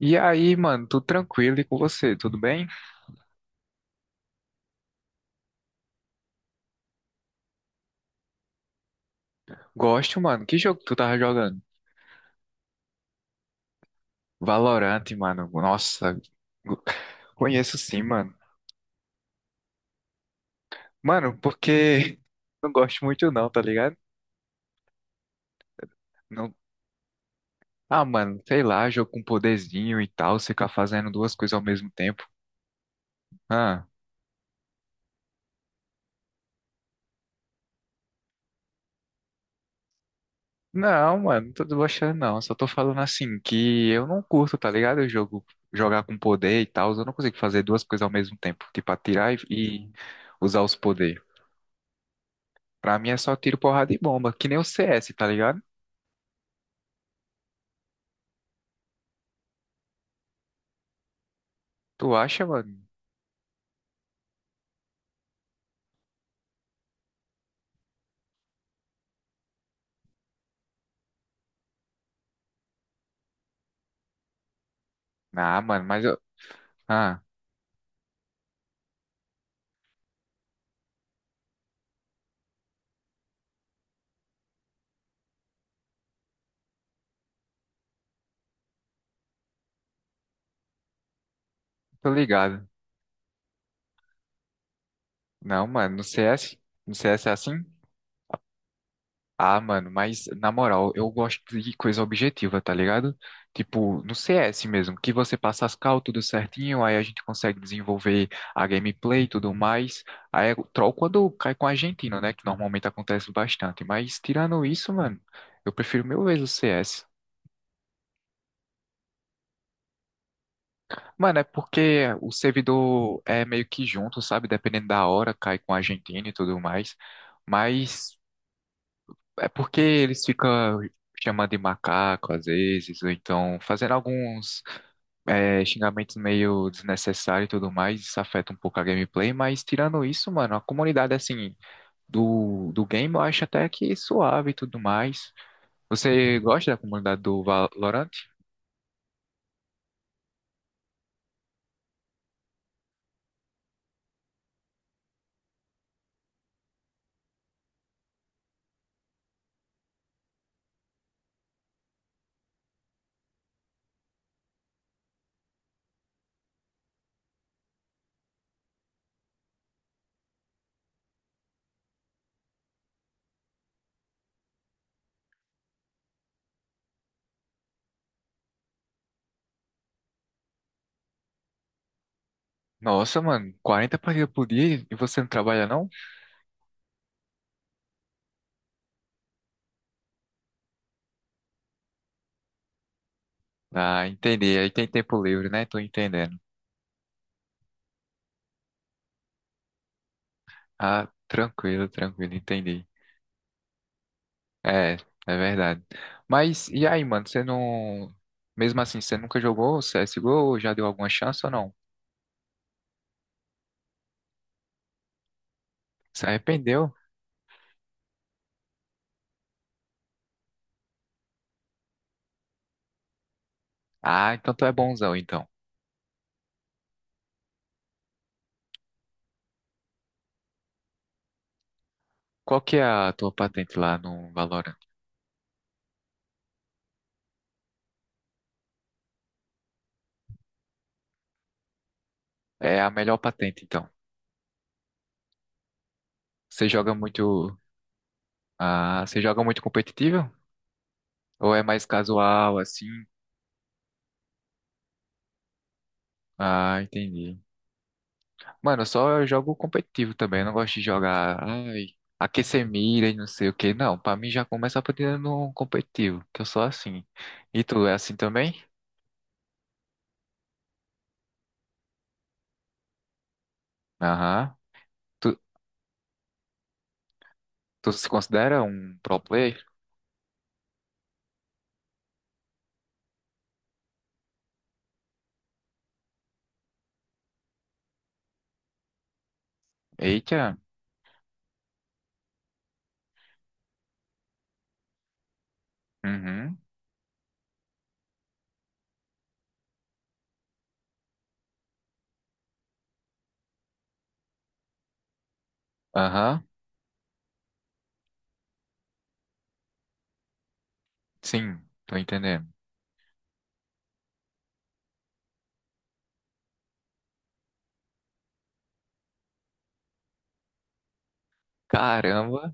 E aí, mano, tudo tranquilo e com você, tudo bem? Gosto, mano. Que jogo que tu tava jogando? Valorant, mano. Nossa, go- conheço sim, mano. Mano, porque não gosto muito não, tá ligado? Não. Ah, mano, sei lá, jogo com poderzinho e tal, você ficar fazendo duas coisas ao mesmo tempo. Ah, não, mano, não tô debochando não, só tô falando assim que eu não curto, tá ligado? Eu jogo jogar com poder e tal, eu não consigo fazer duas coisas ao mesmo tempo, tipo atirar e usar os poderes. Pra mim é só tiro, porrada e bomba, que nem o CS, tá ligado? Tu acha, mano? Ah, mano, mas eu. Ah, tô ligado. Não, mano, no CS? No CS é assim? Ah, mano, mas na moral, eu gosto de coisa objetiva, tá ligado? Tipo, no CS mesmo, que você passa as cal, tudo certinho, aí a gente consegue desenvolver a gameplay e tudo mais. Aí é o troll quando cai com o argentino, né? Que normalmente acontece bastante. Mas tirando isso, mano, eu prefiro mil vezes o CS. Mano, é porque o servidor é meio que junto, sabe? Dependendo da hora, cai com a Argentina e tudo mais. Mas é porque eles ficam chamando de macaco às vezes, ou então fazendo alguns xingamentos meio desnecessários e tudo mais. Isso afeta um pouco a gameplay, mas tirando isso, mano, a comunidade assim do game eu acho até que suave e tudo mais. Você gosta da comunidade do Valorant? Nossa, mano, 40 partidas por dia e você não trabalha não? Ah, entendi. Aí tem tempo livre, né? Tô entendendo. Ah, tranquilo, tranquilo, entendi. É, é verdade. Mas e aí, mano, você não. Mesmo assim, você nunca jogou CSGO? Já deu alguma chance ou não? Se arrependeu? Ah, então tu é bonzão, então. Qual que é a tua patente lá no Valorant? É a melhor patente, então. Você joga muito. Ah, você joga muito competitivo? Ou é mais casual, assim? Ah, entendi. Mano, eu só jogo competitivo também. Eu não gosto de jogar, ai, aquecer mira e não sei o que. Não, pra mim já começa a partir no competitivo, que eu sou assim. E tu é assim também? Aham. Tu, tu se considera um pro player? Eita. Uhum. Aham. Sim, tô entendendo. Caramba.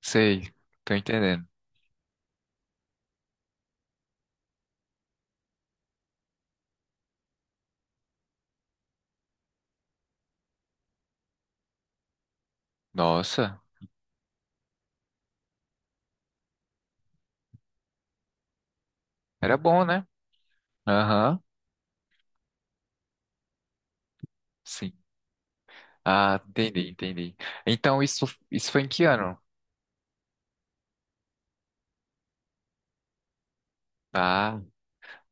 Sei, tô entendendo. Nossa, era bom, né? Aham. Sim. Ah, entendi, entendi. Então isso foi em que ano? ah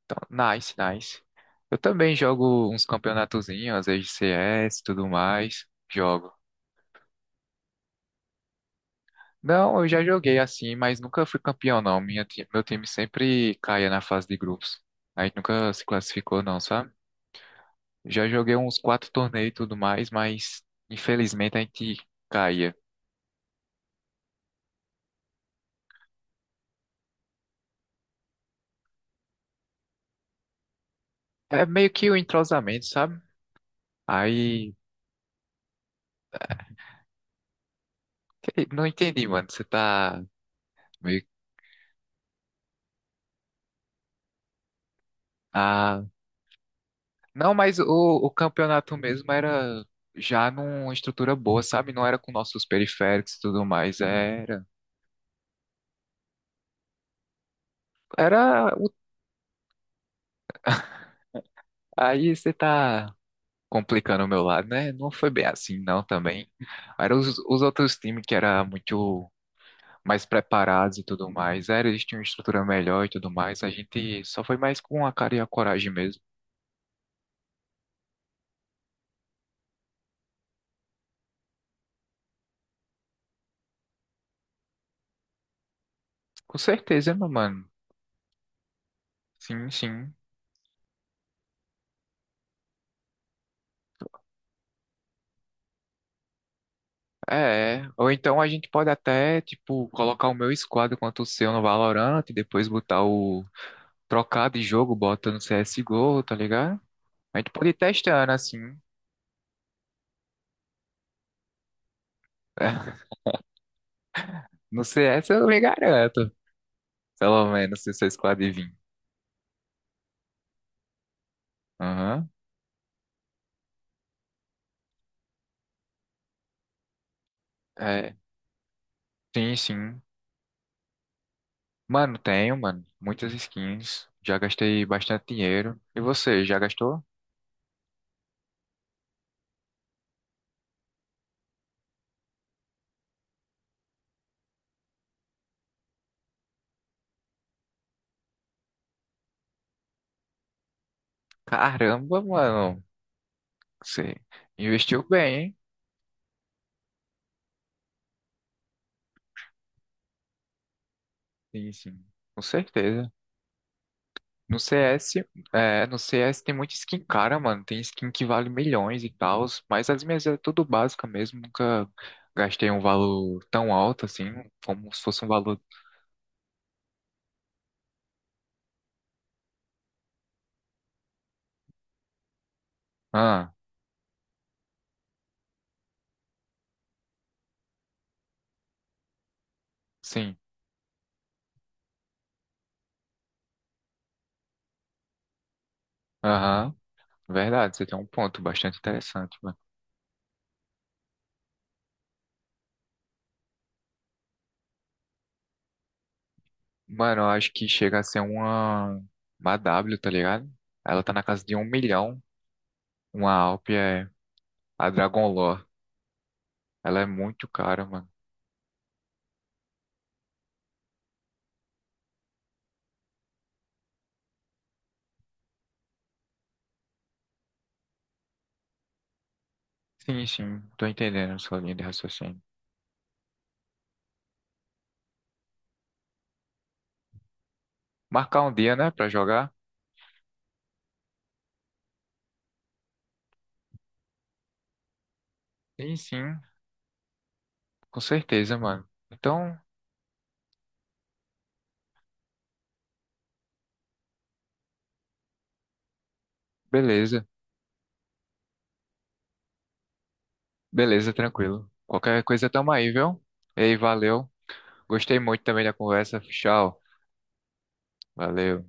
Então, nice, nice. Eu também jogo uns campeonatozinhos, às vezes CS e tudo mais. Jogo. Não, eu já joguei assim, mas nunca fui campeão, não. Meu time sempre caía na fase de grupos. A gente nunca se classificou, não, sabe? Já joguei uns quatro torneios e tudo mais, mas infelizmente a gente caía. É meio que o entrosamento, sabe? Aí, não entendi, mano. Você tá meio. ah, Não, mas o campeonato mesmo era já numa estrutura boa, sabe? Não era com nossos periféricos e tudo mais. Era. Era. Aí você tá complicando o meu lado, né? Não foi bem assim, não, também. Eram os outros times que era muito mais preparados e tudo mais. Era, eles tinham uma estrutura melhor e tudo mais. A gente só foi mais com a cara e a coragem mesmo. Com certeza, meu mano. Sim, sim. É, é. Ou então a gente pode até, tipo, colocar o meu squad contra o seu no Valorant e depois botar o trocar de jogo, bota no CSGO, tá ligado? A gente pode ir testando assim. No CS eu lhe garanto, pelo menos se o seu squad vir. Aham. É, sim, sim. Mano, tenho, mano, muitas skins. Já gastei bastante dinheiro. E você, já gastou? Caramba, mano, você investiu bem, hein? Sim, sim, com certeza. No CS, é, no CS tem muita skin cara, mano. Tem skin que vale milhões e tal, mas as minhas é tudo básica mesmo. Nunca gastei um valor tão alto assim, como se fosse um valor. Ah, sim. Aham. Verdade, você tem um ponto bastante interessante, mano. Mano, eu acho que chega a ser uma W, tá ligado? Ela tá na casa de um milhão. Uma Alp é a Dragon Lore. Ela é muito cara, mano. Sim, sim, tô entendendo a sua linha de raciocínio. Marcar um dia, né, pra jogar. Sim, sim, com certeza, mano. Então, beleza. Beleza, tranquilo. Qualquer coisa, tamo aí, viu? Ei, valeu. Gostei muito também da conversa. Tchau. Valeu.